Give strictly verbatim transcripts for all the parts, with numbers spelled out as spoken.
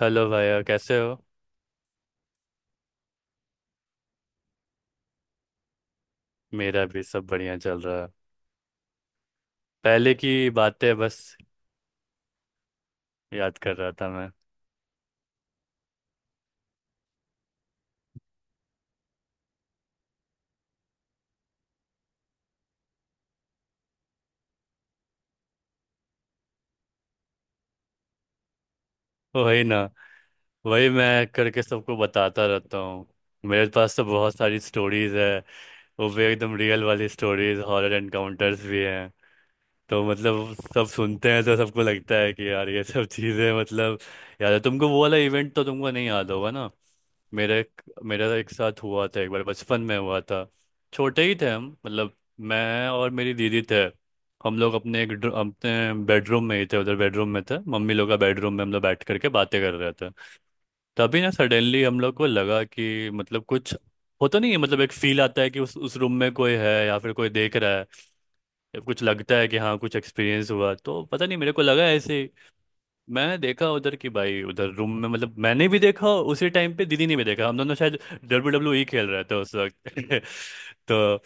Hello भैया, कैसे हो। मेरा भी सब बढ़िया चल रहा है। पहले की बातें बस याद कर रहा था मैं। वही ना, वही मैं करके सबको बताता रहता हूँ। मेरे पास तो बहुत सारी स्टोरीज है, वो भी एकदम रियल वाली स्टोरीज। हॉरर एनकाउंटर्स भी हैं, तो मतलब सब सुनते हैं तो सबको लगता है कि यार ये सब चीज़ें, मतलब। याद है तुमको वो वाला इवेंट? तो तुमको नहीं याद होगा ना। मेरे एक मेरा एक साथ हुआ था, एक बार बचपन में हुआ था। छोटे ही थे हम, मतलब मैं और मेरी दीदी थे। हम लोग अपने एक ड्र- अपने बेडरूम में ही थे, उधर बेडरूम में थे, मम्मी लोग का बेडरूम में हम लोग बैठ करके बातें कर रहे थे। तभी ना सडनली हम लोग को लगा कि मतलब कुछ होता नहीं है, मतलब एक फील आता है कि उस उस रूम में कोई है या फिर कोई देख रहा है। कुछ लगता है कि हाँ कुछ एक्सपीरियंस हुआ, तो पता नहीं मेरे को लगा ऐसे। मैं देखा उधर की, भाई उधर रूम में, मतलब मैंने भी देखा, उसी टाइम पे दीदी ने भी देखा। हम दोनों शायद डब्ल्यू डब्ल्यू ई खेल रहे थे उस वक्त तो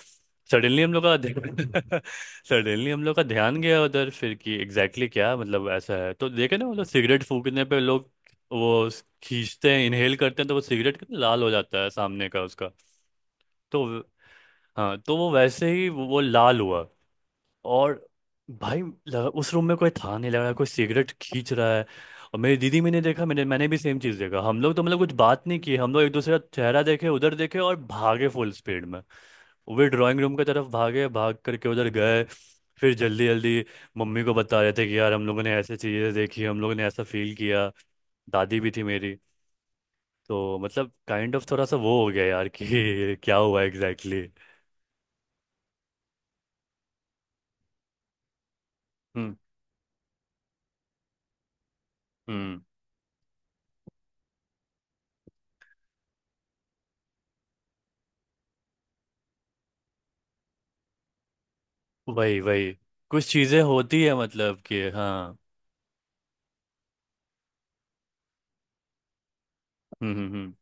सडनली हम लोग का सडनली हम लोग का ध्यान गया उधर, फिर कि एग्जैक्टली exactly क्या, मतलब ऐसा है तो देखे ना, वो लोग सिगरेट फूकने पे, लोग वो खींचते हैं, इनहेल करते हैं, तो वो सिगरेट कितना लाल हो जाता है सामने का उसका। तो हाँ, तो वो वैसे ही वो लाल हुआ। और भाई लगा, उस रूम में कोई था नहीं, लग रहा कोई सिगरेट खींच रहा है। और मेरी दीदी, मैंने देखा, मैंने मैंने भी सेम चीज़ देखा। हम लोग तो मतलब कुछ बात नहीं की, हम लोग एक दूसरे का चेहरा देखे, उधर देखे और भागे फुल स्पीड में। वे ड्राइंग रूम की तरफ भागे, भाग करके उधर गए। फिर जल्दी जल्दी मम्मी को बता रहे थे कि यार हम लोगों ने ऐसे चीज़ें देखी, हम लोगों ने ऐसा फील किया। दादी भी थी मेरी, तो मतलब काइंड ऑफ थोड़ा सा वो हो गया यार कि क्या हुआ एग्जैक्टली exactly. हम्म। वही वही। कुछ चीजें होती है, मतलब कि हाँ। हम्म हम्म हम्म।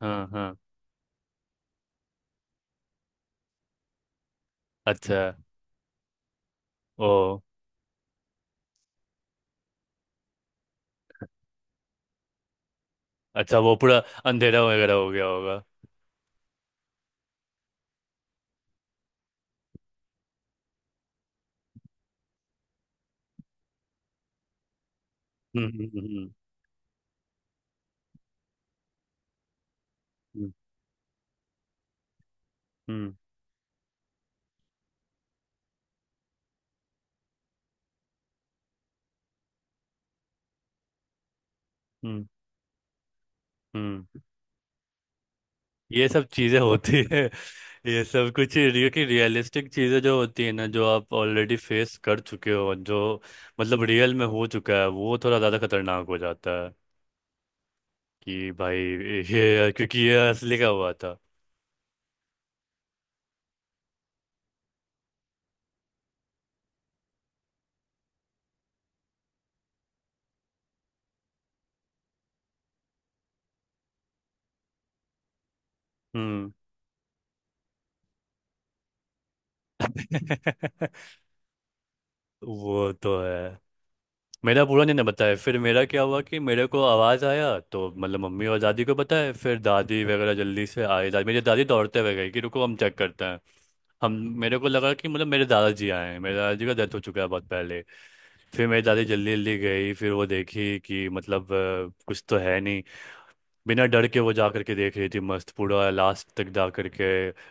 हाँ हाँ। अच्छा। ओ। अच्छा, वो पूरा अंधेरा वगैरह हो गया होगा। हम्म हम्म हम्म। हम्म हम्म हम्म। हम्म। हम्म। ये सब चीजें होती है ये सब कुछ रिय- कि रियलिस्टिक चीजें जो होती है ना, जो आप ऑलरेडी फेस कर चुके हो, जो मतलब रियल में हो चुका है, वो थोड़ा ज्यादा खतरनाक हो जाता है कि भाई ये क्योंकि ये असली का हुआ था। हम्म। वो तो है। मेरा पूरा नहीं ना बताया, फिर मेरा क्या हुआ कि मेरे को आवाज़ आया, तो मतलब मम्मी और दादी को बताया। फिर दादी वगैरह जल्दी से आए, दादी, मेरी दादी दौड़ते हुए गई कि रुको हम चेक करते हैं। हम मेरे को लगा कि मतलब मेरे दादाजी आए हैं। मेरे दादाजी का डेथ हो चुका है बहुत पहले। फिर मेरी दादी जल्दी जल्दी गई, फिर वो देखी कि मतलब अ, कुछ तो है नहीं। बिना डर के वो जा करके देख रही थी, मस्त पूरा लास्ट तक जा करके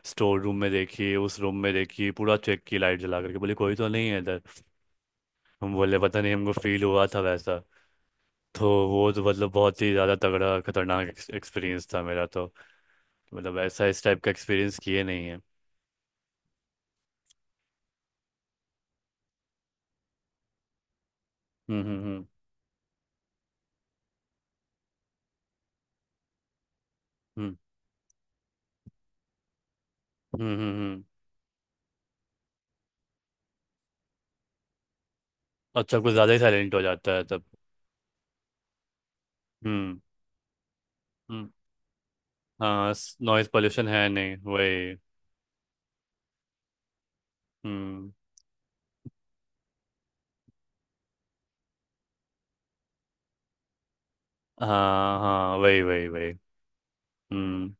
स्टोर रूम में देखी, उस रूम में देखी, पूरा चेक की, लाइट जला करके बोली कोई तो नहीं है इधर। हम बोले पता नहीं, हमको फील हुआ था वैसा। तो वो तो मतलब बहुत ही ज़्यादा तगड़ा खतरनाक एक्सपीरियंस था मेरा। तो मतलब ऐसा इस टाइप का एक्सपीरियंस किए नहीं है। हम्म हम्म हम्म। हम्म हम्म हम्म। हम्म, हम्म। अच्छा, कुछ ज़्यादा ही साइलेंट हो जाता है तब। हम्म। हम्म। हाँ। नॉइज़ पोल्यूशन है नहीं, वही। हम्म। हाँ हाँ, वही वही वही। हम्म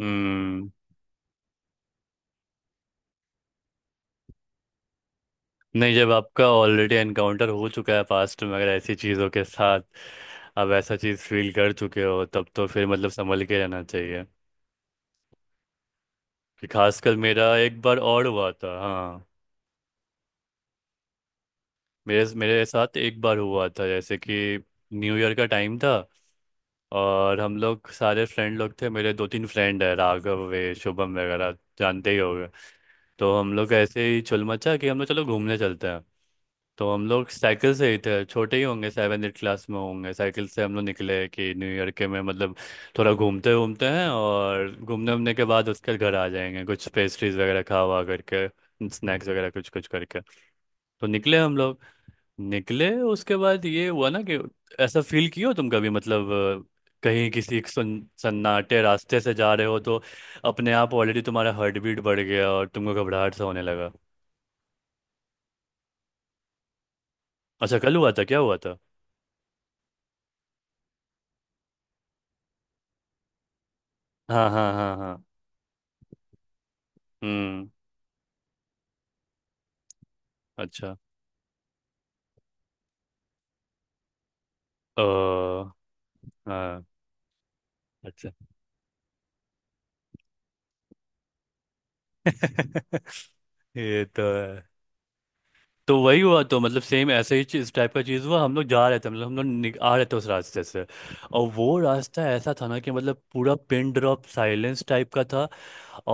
हम्म। नहीं, जब आपका ऑलरेडी एनकाउंटर हो चुका है पास्ट में, अगर ऐसी चीज़ों के साथ आप ऐसा चीज़ फील कर चुके हो, तब तो फिर मतलब संभल के रहना चाहिए। कि खासकर मेरा एक बार और हुआ था, हाँ। मेरे मेरे साथ एक बार हुआ था, जैसे कि न्यू ईयर का टाइम था और हम लोग सारे फ्रेंड लोग थे, मेरे दो तीन फ्रेंड है राघव, वे शुभम वगैरह, जानते ही होंगे। तो हम लोग ऐसे ही चुल मचा कि हम लोग चलो घूमने चलते हैं। तो हम लोग साइकिल से ही थे, छोटे ही होंगे, सेवन एट क्लास में होंगे, साइकिल से हम लोग निकले कि न्यू ईयर के में मतलब थोड़ा घूमते घूमते हैं, और घूमने उमने के बाद उसके घर आ जाएंगे, कुछ पेस्ट्रीज वगैरह खा हुआ करके, स्नैक्स वगैरह कुछ कुछ करके। तो निकले हम लोग, निकले उसके बाद ये हुआ ना कि ऐसा फील किए हो तुम कभी मतलब अ, कहीं किसी एक सुन सन्नाटे रास्ते से जा रहे हो, तो अपने आप ऑलरेडी तुम्हारा हार्ट बीट बढ़ गया और तुमको घबराहट सा होने लगा। अच्छा, कल हुआ था? क्या हुआ था? हाँ हाँ हाँ हाँ। हम्म। अच्छा। ओ। हाँ। अच्छा। ये तो है। तो वही हुआ, तो मतलब सेम ऐसे ही चीज- इस टाइप का चीज़ हुआ, हम लोग जा रहे थे, मतलब हम लोग निक- आ रहे थे उस रास्ते से। और वो रास्ता ऐसा था ना कि मतलब पूरा पिन ड्रॉप साइलेंस टाइप का था,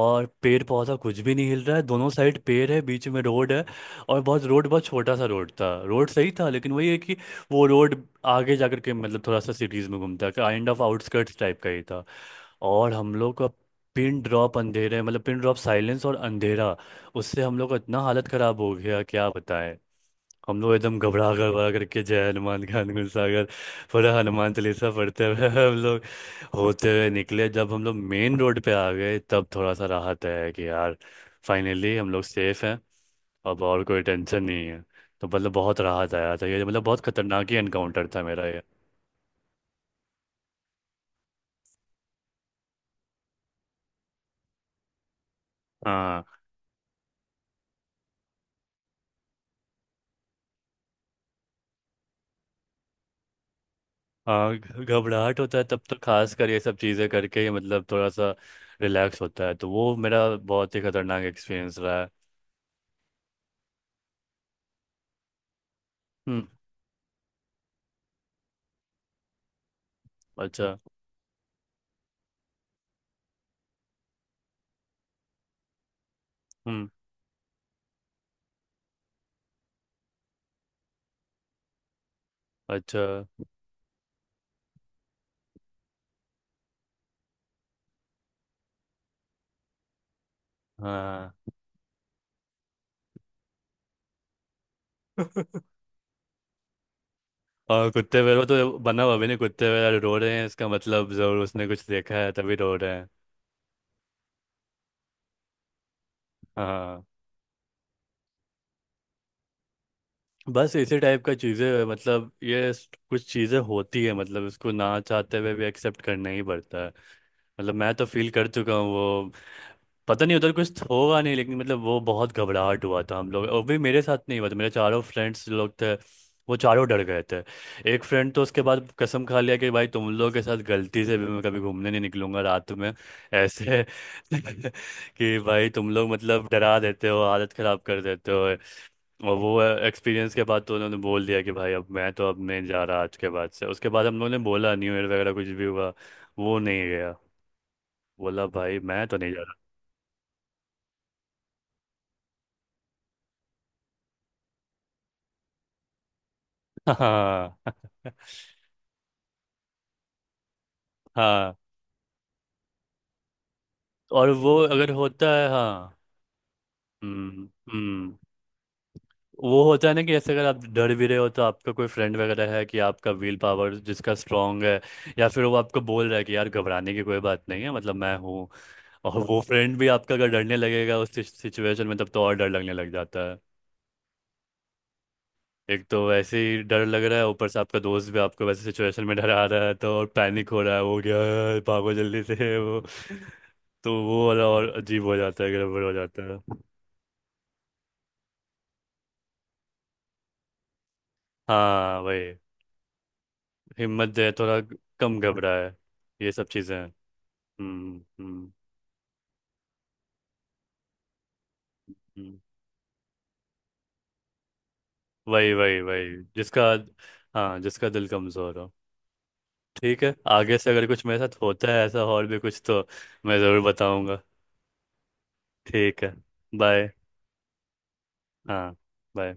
और पेड़ पौधा कुछ भी नहीं हिल रहा है, दोनों साइड पेड़ है, बीच में रोड है, और बहुत रोड, बहुत छोटा सा रोड था, रोड सही था लेकिन वही है कि वो रोड आगे जाकर के मतलब थोड़ा सा सिटीज़ में घूमता है, काइंड ऑफ आउटस्कर्ट्स टाइप का ही था। और हम लोग का पिन ड्रॉप अंधेरे, मतलब पिन ड्रॉप साइलेंस और अंधेरा, उससे हम लोग का इतना हालत खराब हो गया, क्या बताएं। हम लोग एकदम घबरा घबरा करके जय हनुमान खान गुलसागर पूरा हनुमान चालीसा पढ़ते हुए हम लोग होते हुए निकले। जब हम लोग मेन रोड पे आ गए तब थोड़ा सा राहत है कि यार फाइनली हम लोग सेफ हैं, अब और कोई टेंशन नहीं है। तो मतलब बहुत राहत आया था, ये मतलब बहुत खतरनाक ही एनकाउंटर था मेरा ये। हाँ। हाँ घ- घबराहट होता है तब तो, खास कर ये सब चीज़ें करके ही मतलब थोड़ा सा रिलैक्स होता है। तो वो मेरा बहुत ही खतरनाक एक्सपीरियंस रहा है। हम्म। अच्छा। हम्म। अच्छा। हाँ। और कुत्ते वेरो तो बना हुआ भी नहीं, कुत्ते वेरा रो रहे हैं, इसका मतलब जरूर उसने कुछ देखा है तभी रो रहे हैं। हाँ। बस इसी टाइप का चीज़ें, मतलब ये स- कुछ चीज़ें होती है, मतलब इसको ना चाहते हुए भी एक्सेप्ट करना ही पड़ता है। मतलब मैं तो फील कर चुका हूँ वो। पता नहीं उधर कुछ होगा नहीं, लेकिन मतलब वो बहुत घबराहट हुआ था हम लोग, और भी मेरे साथ नहीं हुआ था, मेरे चारों फ्रेंड्स लोग थे, वो चारों डर गए थे। एक फ्रेंड तो उसके बाद कसम खा लिया कि भाई तुम लोगों के साथ गलती से भी मैं कभी घूमने नहीं निकलूंगा रात में, ऐसे कि भाई तुम लोग मतलब डरा देते हो, हालत खराब कर देते हो। और वो एक्सपीरियंस के बाद तो उन्होंने बोल दिया कि भाई अब मैं तो अब नहीं जा रहा, आज के बाद से। उसके बाद हम लोगों ने बोला न्यू ईयर वगैरह कुछ भी हुआ, वो नहीं गया। बोला भाई मैं तो नहीं जा। हाँ हाँ। और वो अगर होता है, हाँ। हम्म हम्म। वो होता है ना कि जैसे अगर आप डर भी रहे हो तो आपका कोई फ्रेंड वगैरह है कि आपका विल पावर जिसका स्ट्रांग है, या फिर वो आपको बोल रहा है कि यार घबराने की कोई बात नहीं है, मतलब मैं हूँ, और वो फ्रेंड भी आपका अगर डरने लगेगा उस सिचुएशन में, तब तो और डर लगने लग जाता। एक तो वैसे ही डर लग रहा है, ऊपर से आपका दोस्त भी आपको वैसे सिचुएशन में डरा रहा है तो और पैनिक हो रहा है, वो क्या, भागो जल्दी से। वो तो वो वाला और अजीब हो जाता है, गड़बड़ हो जाता है। हाँ वही। हिम्मत जो है, थोड़ा कम घबराए। ये सब चीज़ें हैं। हम्म हम्म। हम्म। वही वही वही, जिसका, हाँ जिसका दिल कमज़ोर हो। ठीक है, आगे से अगर कुछ मेरे साथ होता है ऐसा और भी कुछ, तो मैं ज़रूर बताऊंगा। ठीक है। बाय। हाँ। bye.